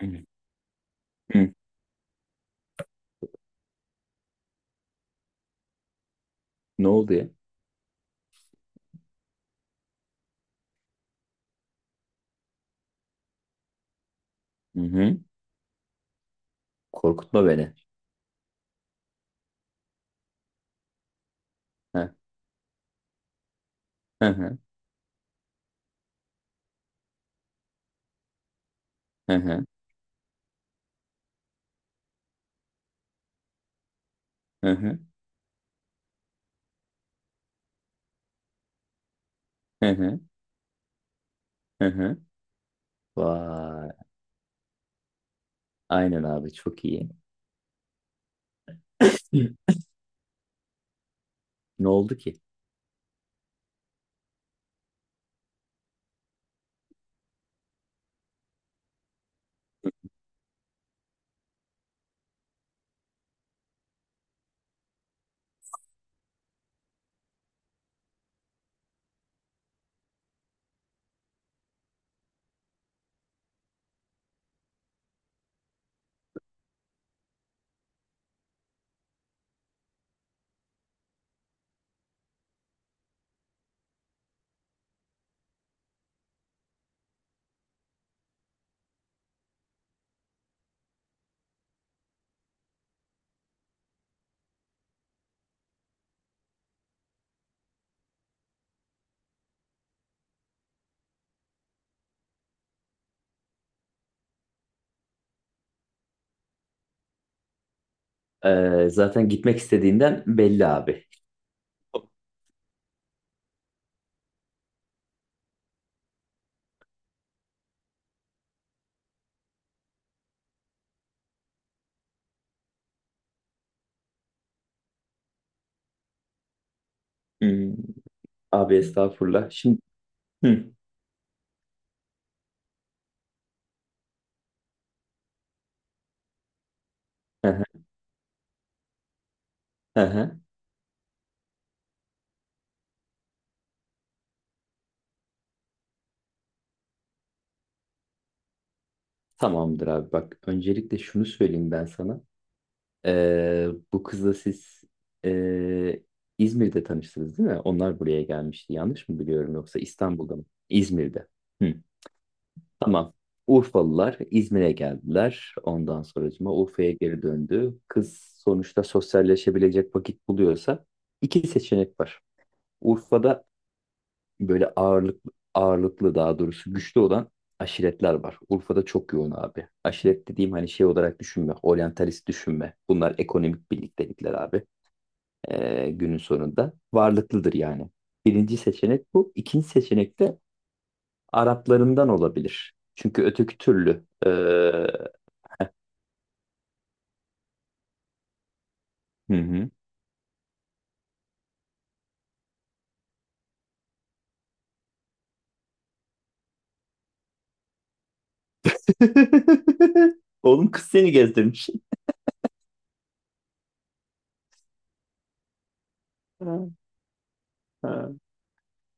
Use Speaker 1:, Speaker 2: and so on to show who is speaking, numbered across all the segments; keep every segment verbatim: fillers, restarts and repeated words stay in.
Speaker 1: Hı hı. Ne oldu ya? Hı hı. Korkutma beni. Hı hı hı hı hı hı hı hı hı. Hı. Vay. Aynen abi çok iyi. Hı. Ne oldu ki? Ee, zaten gitmek istediğinden belli abi. Hmm. Abi estağfurullah. Şimdi. Hı. Hı hı. Hı hı. Tamamdır abi bak. Öncelikle şunu söyleyeyim ben sana. Ee, Bu kızla siz ee, İzmir'de tanıştınız değil mi? Onlar buraya gelmişti. Yanlış mı biliyorum, yoksa İstanbul'da mı? İzmir'de. Hı, tamam. Urfalılar İzmir'e geldiler. Ondan sonracıma Urfa'ya geri döndü kız. Sonuçta sosyalleşebilecek vakit buluyorsa iki seçenek var. Urfa'da böyle ağırlık ağırlıklı, daha doğrusu güçlü olan aşiretler var. Urfa'da çok yoğun abi. Aşiret dediğim, hani, şey olarak düşünme, oryantalist düşünme. Bunlar ekonomik birliktelikler abi, e, günün sonunda varlıklıdır yani. Birinci seçenek bu. İkinci seçenek de Araplarından olabilir. Çünkü öteki türlü. E, hı hı. Oğlum, kız seni gezdirmiş. Ha, ha.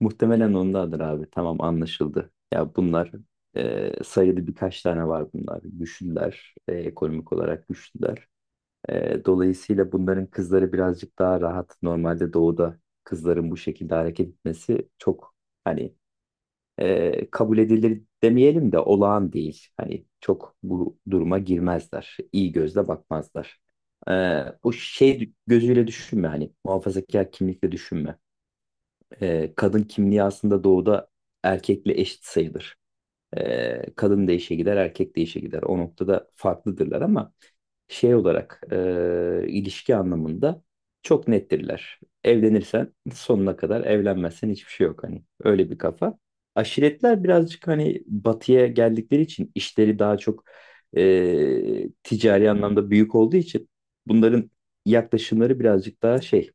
Speaker 1: Muhtemelen ondadır abi. Tamam, anlaşıldı. Ya bunlar, e, sayılı birkaç tane var bunlar. Güçlüler. e, ekonomik olarak güçlüler. E, dolayısıyla bunların kızları birazcık daha rahat. Normalde doğuda kızların bu şekilde hareket etmesi çok, hani, e, kabul edilir demeyelim de olağan değil. Hani çok bu duruma girmezler. İyi gözle bakmazlar. E, bu şey gözüyle düşünme, hani muhafazakar kimlikle düşünme. E, kadın kimliği aslında doğuda erkekle eşit sayılır. E, kadın da işe gider, erkek de işe gider. O noktada farklıdırlar ama şey olarak, e, ilişki anlamında çok nettirler. Evlenirsen sonuna kadar, evlenmezsen hiçbir şey yok, hani. Öyle bir kafa. Aşiretler birazcık, hani, batıya geldikleri için, işleri daha çok e, ticari anlamda büyük olduğu için, bunların yaklaşımları birazcık daha şey,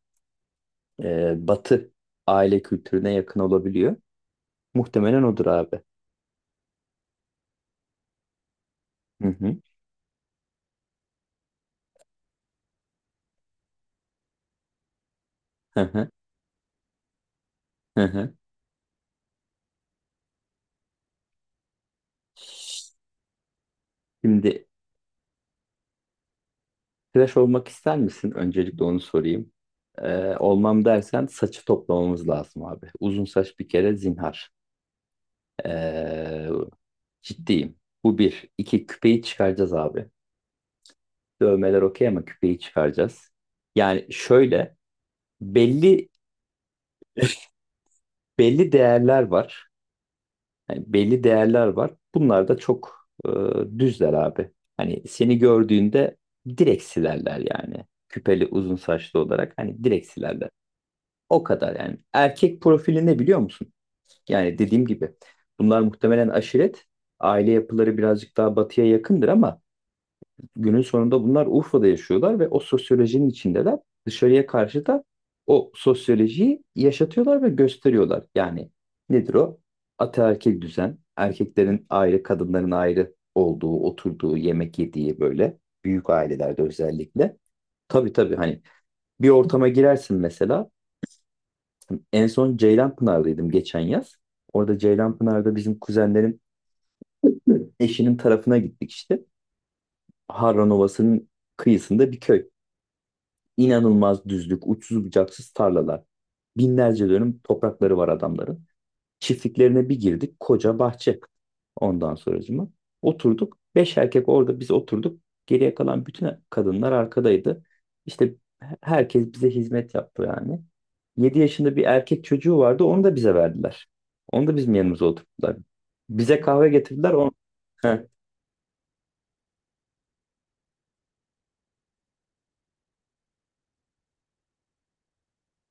Speaker 1: e, batı aile kültürüne yakın olabiliyor. Muhtemelen odur abi. Hı hı. Hı hı. Hı hı. Şimdi, tıraş olmak ister misin? Öncelikle onu sorayım. Ee, olmam dersen, saçı toplamamız lazım abi. Uzun saç bir kere zinhar. Ee, Ciddiyim. Bu bir. İki, küpeyi çıkaracağız abi. Dövmeler okey ama küpeyi çıkaracağız. Yani şöyle, belli belli değerler var. Yani belli değerler var. Bunlar da çok e, düzler abi. Hani seni gördüğünde direkt silerler yani. Küpeli, uzun saçlı olarak, hani direkt silerler. O kadar yani. Erkek profili ne, biliyor musun? Yani dediğim gibi, bunlar muhtemelen aşiret. Aile yapıları birazcık daha batıya yakındır ama günün sonunda bunlar Urfa'da yaşıyorlar ve o sosyolojinin içindeler. Dışarıya karşı da o sosyolojiyi yaşatıyorlar ve gösteriyorlar. Yani nedir o? Ataerkil düzen, erkeklerin ayrı, kadınların ayrı olduğu, oturduğu, yemek yediği, böyle büyük ailelerde özellikle. Tabii tabii, hani, bir ortama girersin mesela. En son Ceylanpınar'daydım geçen yaz. Orada, Ceylanpınar'da, bizim kuzenlerin eşinin tarafına gittik işte. Harran Ovası'nın kıyısında bir köy. İnanılmaz düzlük, uçsuz bucaksız tarlalar. Binlerce dönüm toprakları var adamların. Çiftliklerine bir girdik. Koca bahçe. Ondan sonracıma. Oturduk. Beş erkek orada biz oturduk. Geriye kalan bütün kadınlar arkadaydı. İşte herkes bize hizmet yaptı yani. Yedi yaşında bir erkek çocuğu vardı. Onu da bize verdiler. Onu da bizim yanımıza oturttular. Bize kahve getirdiler. On.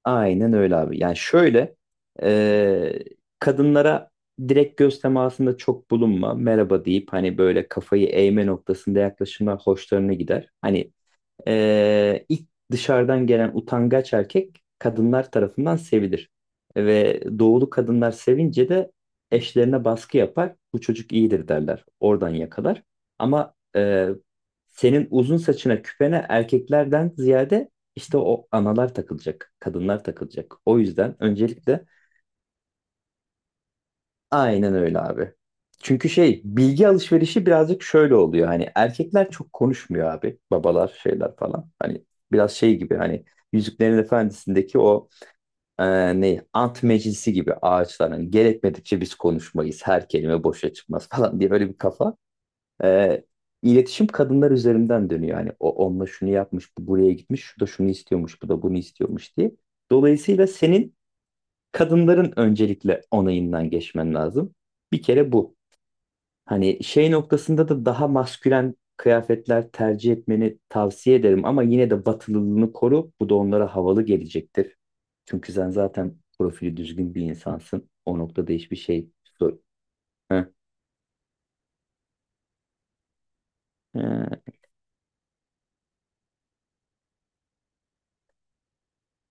Speaker 1: Aynen öyle abi. Yani şöyle, e, kadınlara direkt göz temasında çok bulunma. Merhaba deyip, hani, böyle kafayı eğme noktasında yaklaşımlar hoşlarına gider. Hani ee, ilk dışarıdan gelen utangaç erkek, kadınlar tarafından sevilir. Ve doğulu kadınlar sevince de eşlerine baskı yapar. Bu çocuk iyidir derler. Oradan yakalar. Ama e, senin uzun saçına, küpene, erkeklerden ziyade işte o analar takılacak. Kadınlar takılacak. O yüzden öncelikle. Aynen öyle abi. Çünkü şey, bilgi alışverişi birazcık şöyle oluyor: hani erkekler çok konuşmuyor abi, babalar, şeyler falan, hani biraz şey gibi, hani Yüzüklerin Efendisi'ndeki o, e, ne, ant meclisi gibi ağaçlar, hani gerekmedikçe biz konuşmayız, her kelime boşa çıkmaz falan diye, böyle bir kafa. e, iletişim kadınlar üzerinden dönüyor, hani o onunla şunu yapmış, bu buraya gitmiş, şu da şunu istiyormuş, bu da bunu istiyormuş diye. Dolayısıyla senin kadınların öncelikle onayından geçmen lazım, bir kere bu. Hani şey noktasında da, daha maskülen kıyafetler tercih etmeni tavsiye ederim ama yine de batılılığını koru. Bu da onlara havalı gelecektir. Çünkü sen zaten profili düzgün bir insansın. O noktada hiçbir şey, sor. Heh. Ee,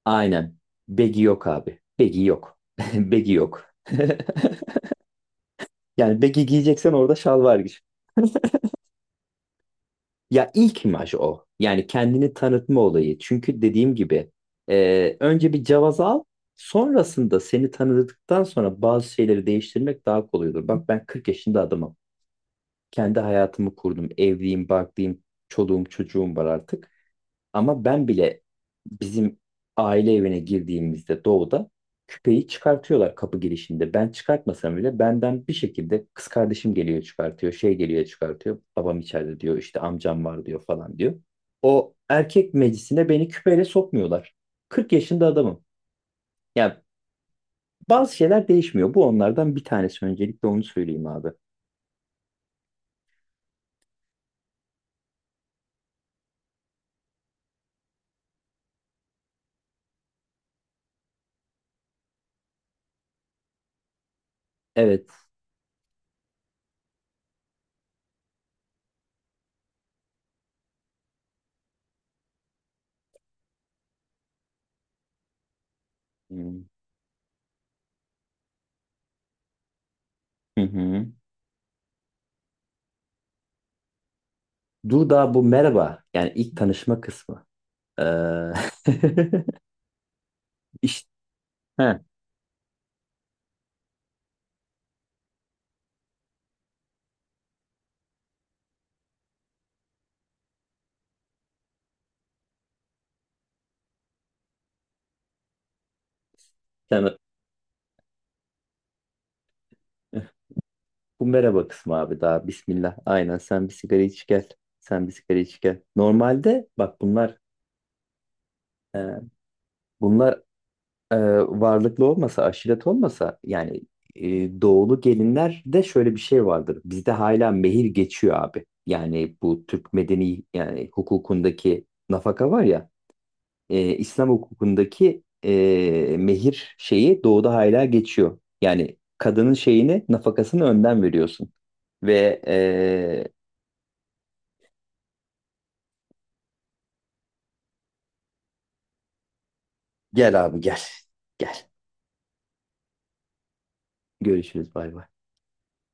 Speaker 1: aynen. Begi yok abi. Begi yok. Begi yok. Yani begi giyeceksen, orada şal var. Ya ilk imaj o. Yani kendini tanıtma olayı. Çünkü dediğim gibi, e, önce bir cevaz al. Sonrasında seni tanıdıktan sonra bazı şeyleri değiştirmek daha kolay olur. Bak, ben kırk yaşında adamım. Kendi hayatımı kurdum. Evliyim, barklıyım, çoluğum, çocuğum var artık. Ama ben bile bizim aile evine girdiğimizde, doğuda, küpeyi çıkartıyorlar kapı girişinde. Ben çıkartmasam bile benden, bir şekilde, kız kardeşim geliyor çıkartıyor, şey geliyor çıkartıyor. Babam içeride diyor, işte amcam var diyor falan diyor. O erkek meclisine beni küpeyle sokmuyorlar. kırk yaşında adamım. Yani bazı şeyler değişmiyor. Bu onlardan bir tanesi, öncelikle onu söyleyeyim abi. Evet. Hmm. Hı hı. Dur, daha bu merhaba. Yani ilk tanışma kısmı. Ee... işte. Heh. Sen, bu merhaba kısmı abi, daha bismillah. Aynen, sen bir sigara iç gel. Sen bir sigara iç gel. Normalde bak, bunlar e, bunlar e, varlıklı olmasa, aşiret olmasa, yani e, doğulu gelinlerde şöyle bir şey vardır. Bizde hala mehir geçiyor abi. Yani bu Türk medeni, yani hukukundaki nafaka var ya, e, İslam hukukundaki e, mehir şeyi doğuda hala geçiyor. Yani kadının şeyini, nafakasını önden veriyorsun. Ve e, gel abi gel. Gel. Görüşürüz, bay bay.